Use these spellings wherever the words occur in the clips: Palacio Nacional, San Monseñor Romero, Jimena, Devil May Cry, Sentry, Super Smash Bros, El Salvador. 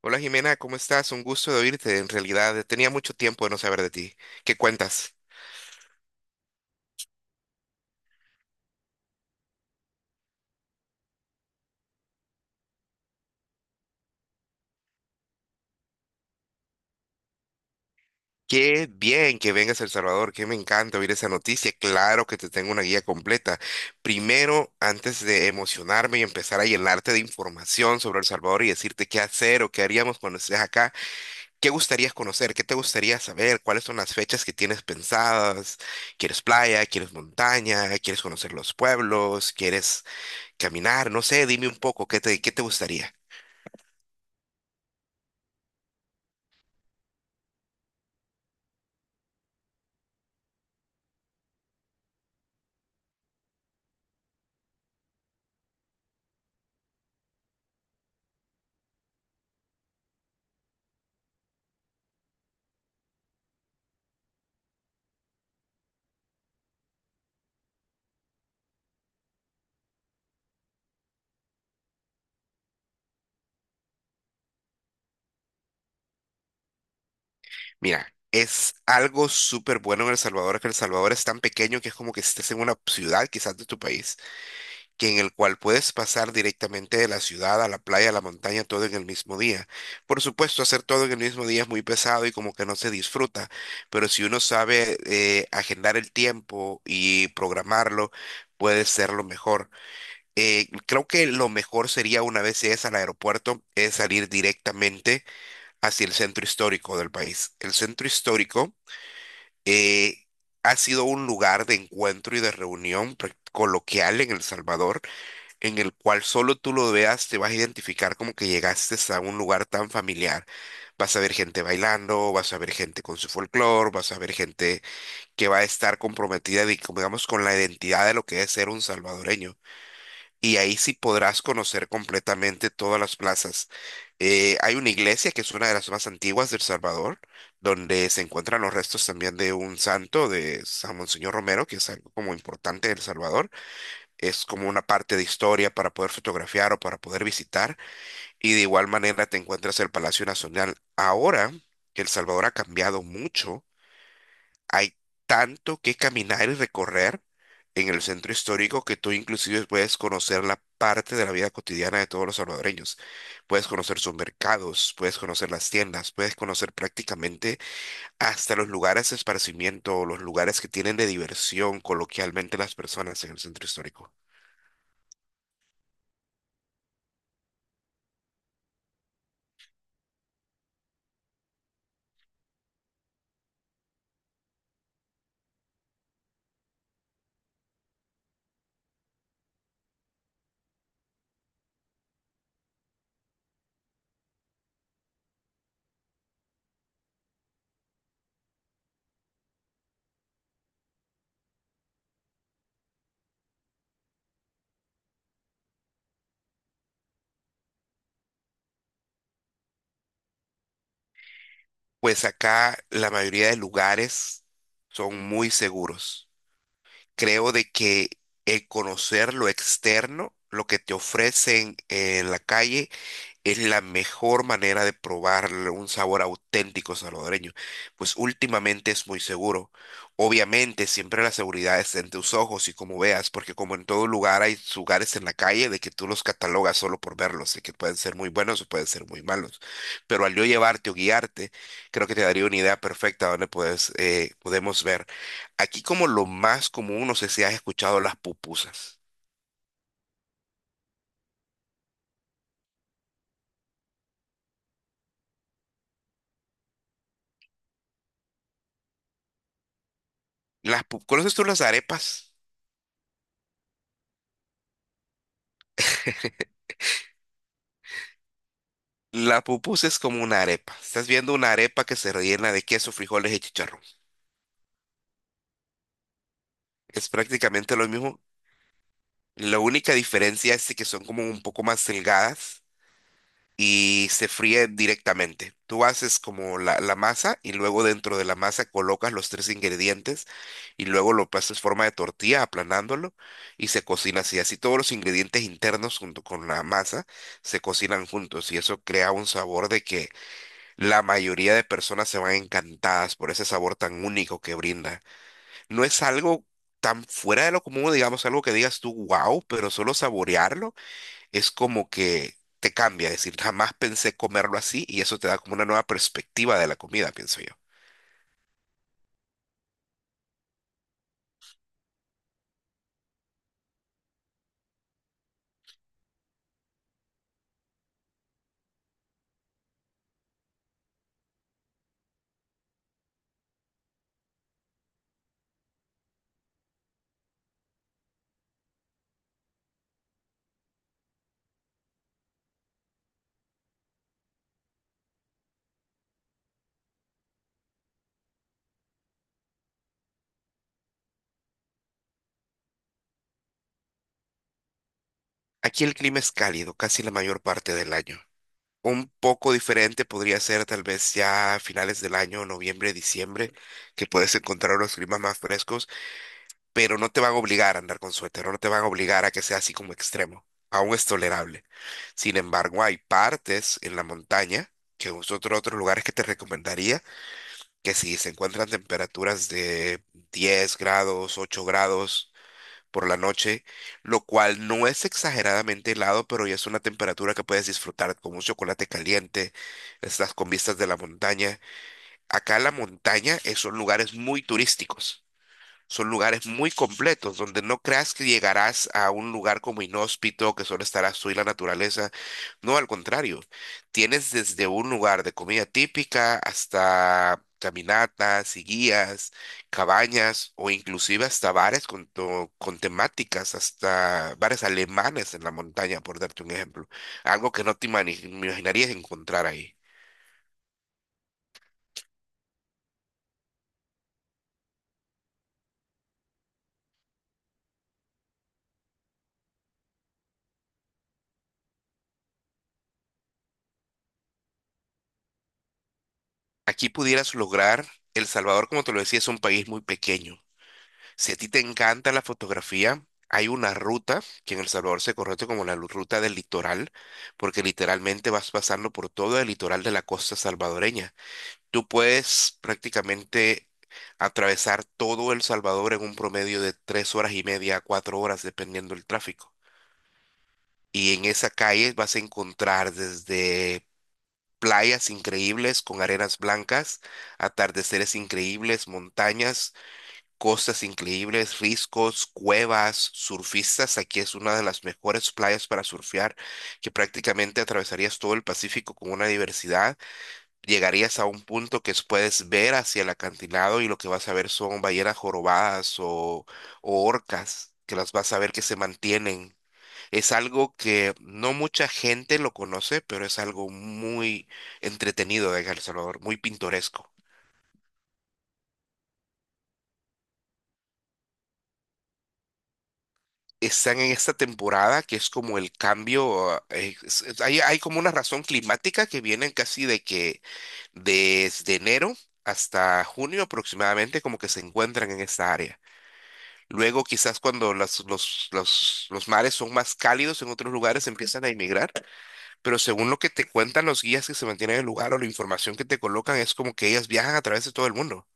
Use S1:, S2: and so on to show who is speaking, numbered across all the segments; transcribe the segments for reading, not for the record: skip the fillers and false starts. S1: Hola Jimena, ¿cómo estás? Un gusto de oírte. En realidad, tenía mucho tiempo de no saber de ti. ¿Qué cuentas? Qué bien que vengas a El Salvador, que me encanta oír esa noticia. Claro que te tengo una guía completa. Primero, antes de emocionarme y empezar a llenarte de información sobre El Salvador y decirte qué hacer o qué haríamos cuando estés acá, ¿qué gustarías conocer? ¿Qué te gustaría saber? ¿Cuáles son las fechas que tienes pensadas? ¿Quieres playa? ¿Quieres montaña? ¿Quieres conocer los pueblos? ¿Quieres caminar? No sé, dime un poco, ¿qué te gustaría? Mira, es algo súper bueno en El Salvador, que El Salvador es tan pequeño que es como que estés en una ciudad quizás de tu país, que en el cual puedes pasar directamente de la ciudad a la playa, a la montaña, todo en el mismo día. Por supuesto, hacer todo en el mismo día es muy pesado y como que no se disfruta, pero si uno sabe agendar el tiempo y programarlo, puede ser lo mejor. Creo que lo mejor sería una vez es al aeropuerto, es salir directamente hacia el centro histórico del país. El centro histórico eh, ha sido un lugar de encuentro y de reunión coloquial en El Salvador, en el cual solo tú lo veas, te vas a identificar como que llegaste a un lugar tan familiar. Vas a ver gente bailando, vas a ver gente con su folclore, vas a ver gente que va a estar comprometida, como digamos, con la identidad de lo que es ser un salvadoreño y ahí sí podrás conocer completamente todas las plazas. Hay una iglesia que es una de las más antiguas de El Salvador, donde se encuentran los restos también de un santo de San Monseñor Romero, que es algo como importante de El Salvador. Es como una parte de historia para poder fotografiar o para poder visitar. Y de igual manera te encuentras el Palacio Nacional. Ahora que El Salvador ha cambiado mucho, hay tanto que caminar y recorrer en el centro histórico que tú inclusive puedes conocer la parte de la vida cotidiana de todos los salvadoreños. Puedes conocer sus mercados, puedes conocer las tiendas, puedes conocer prácticamente hasta los lugares de esparcimiento o los lugares que tienen de diversión coloquialmente las personas en el centro histórico. Pues acá la mayoría de lugares son muy seguros. Creo de que el conocer lo externo, lo que te ofrecen en la calle, es la mejor manera de probar un sabor auténtico salvadoreño, pues últimamente es muy seguro. Obviamente, siempre la seguridad está en tus ojos y como veas, porque como en todo lugar hay lugares en la calle de que tú los catalogas solo por verlos, de que pueden ser muy buenos o pueden ser muy malos. Pero al yo llevarte o guiarte, creo que te daría una idea perfecta donde puedes, podemos ver. Aquí como lo más común, no sé si has escuchado las pupusas. ¿Conoces tú las arepas? La pupusa es como una arepa. Estás viendo una arepa que se rellena de queso, frijoles y chicharrón. Es prácticamente lo mismo. La única diferencia es de que son como un poco más delgadas y se fríen directamente. Tú haces como la masa y luego dentro de la masa colocas los tres ingredientes y luego lo pasas forma de tortilla aplanándolo y se cocina así. Así todos los ingredientes internos junto con la masa se cocinan juntos y eso crea un sabor de que la mayoría de personas se van encantadas por ese sabor tan único que brinda. No es algo tan fuera de lo común, digamos, algo que digas tú, wow, pero solo saborearlo es como que te cambia. Es decir, jamás pensé comerlo así y eso te da como una nueva perspectiva de la comida, pienso yo. Aquí el clima es cálido casi la mayor parte del año. Un poco diferente podría ser tal vez ya a finales del año, noviembre, diciembre, que puedes encontrar los climas más frescos, pero no te van a obligar a andar con suéter, o no te van a obligar a que sea así como extremo. Aún es tolerable. Sin embargo, hay partes en la montaña, que es otro, otros lugares que te recomendaría, que si se encuentran temperaturas de 10 grados, 8 grados por la noche, lo cual no es exageradamente helado, pero ya es una temperatura que puedes disfrutar con un chocolate caliente, estás con vistas de la montaña. Acá la montaña son lugares muy turísticos. Son lugares muy completos, donde no creas que llegarás a un lugar como inhóspito, que solo estarás tú y la naturaleza. No, al contrario, tienes desde un lugar de comida típica hasta caminatas y guías, cabañas o inclusive hasta bares con temáticas, hasta bares alemanes en la montaña, por darte un ejemplo. Algo que no te me imaginarías encontrar ahí. Aquí pudieras lograr, El Salvador, como te lo decía, es un país muy pequeño. Si a ti te encanta la fotografía, hay una ruta que en El Salvador se conoce como la ruta del litoral, porque literalmente vas pasando por todo el litoral de la costa salvadoreña. Tú puedes prácticamente atravesar todo El Salvador en un promedio de 3 horas y media a 4 horas, dependiendo del tráfico. Y en esa calle vas a encontrar desde playas increíbles con arenas blancas, atardeceres increíbles, montañas, costas increíbles, riscos, cuevas, surfistas. Aquí es una de las mejores playas para surfear, que prácticamente atravesarías todo el Pacífico con una diversidad. Llegarías a un punto puedes ver hacia el acantilado y lo que vas a ver son ballenas jorobadas o orcas, que las vas a ver que se mantienen. Es algo que no mucha gente lo conoce, pero es algo muy entretenido de El Salvador, muy pintoresco. Están en esta temporada que es como el cambio, hay como una razón climática que vienen casi de que desde enero hasta junio aproximadamente como que se encuentran en esta área. Luego quizás cuando los mares son más cálidos en otros lugares empiezan a emigrar, pero según lo que te cuentan los guías que se mantienen en el lugar o la información que te colocan es como que ellas viajan a través de todo el mundo.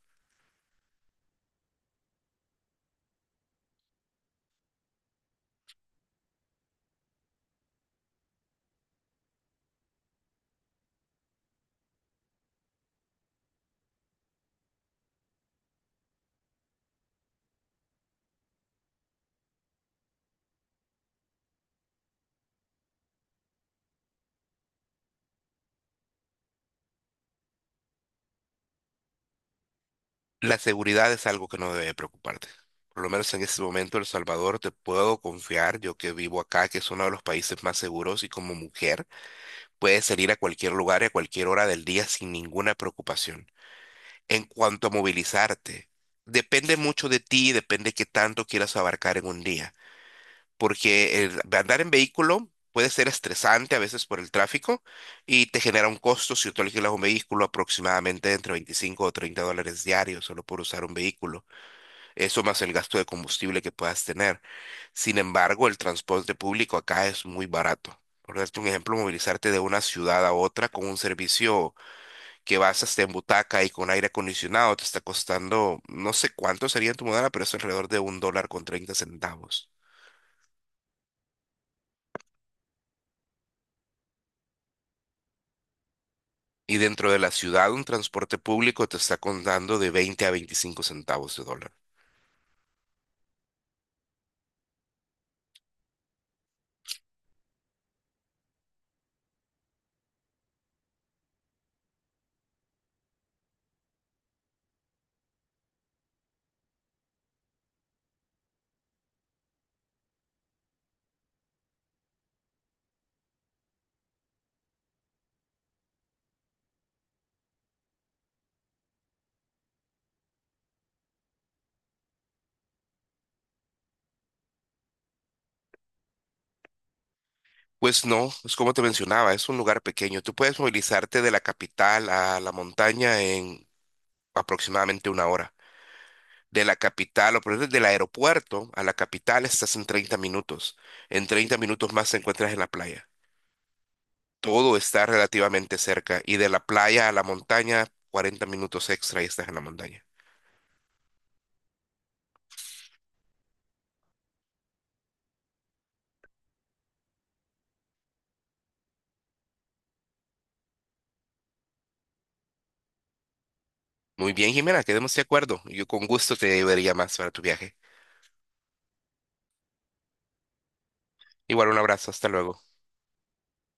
S1: La seguridad es algo que no debe preocuparte. Por lo menos en este momento, El Salvador, te puedo confiar, yo que vivo acá, que es uno de los países más seguros y como mujer puedes salir a cualquier lugar y a cualquier hora del día sin ninguna preocupación. En cuanto a movilizarte, depende mucho de ti, depende qué tanto quieras abarcar en un día, porque el andar en vehículo puede ser estresante a veces por el tráfico y te genera un costo si tú alquilas un vehículo aproximadamente entre 25 o 30 dólares diarios solo por usar un vehículo. Eso más el gasto de combustible que puedas tener. Sin embargo, el transporte público acá es muy barato. Por darte un ejemplo, movilizarte de una ciudad a otra con un servicio que vas hasta en butaca y con aire acondicionado te está costando, no sé cuánto sería en tu moneda, pero es alrededor de $1.30. Y dentro de la ciudad, un transporte público te está contando de 20 a 25 centavos de dólar. Pues no, es como te mencionaba, es un lugar pequeño. Tú puedes movilizarte de la capital a la montaña en aproximadamente 1 hora. De la capital, o por ejemplo, del aeropuerto a la capital estás en 30 minutos. En 30 minutos más te encuentras en la playa. Todo está relativamente cerca. Y de la playa a la montaña, 40 minutos extra y estás en la montaña. Muy bien, Jimena, quedemos de acuerdo. Yo con gusto te llevaría más para tu viaje. Igual un abrazo, hasta luego.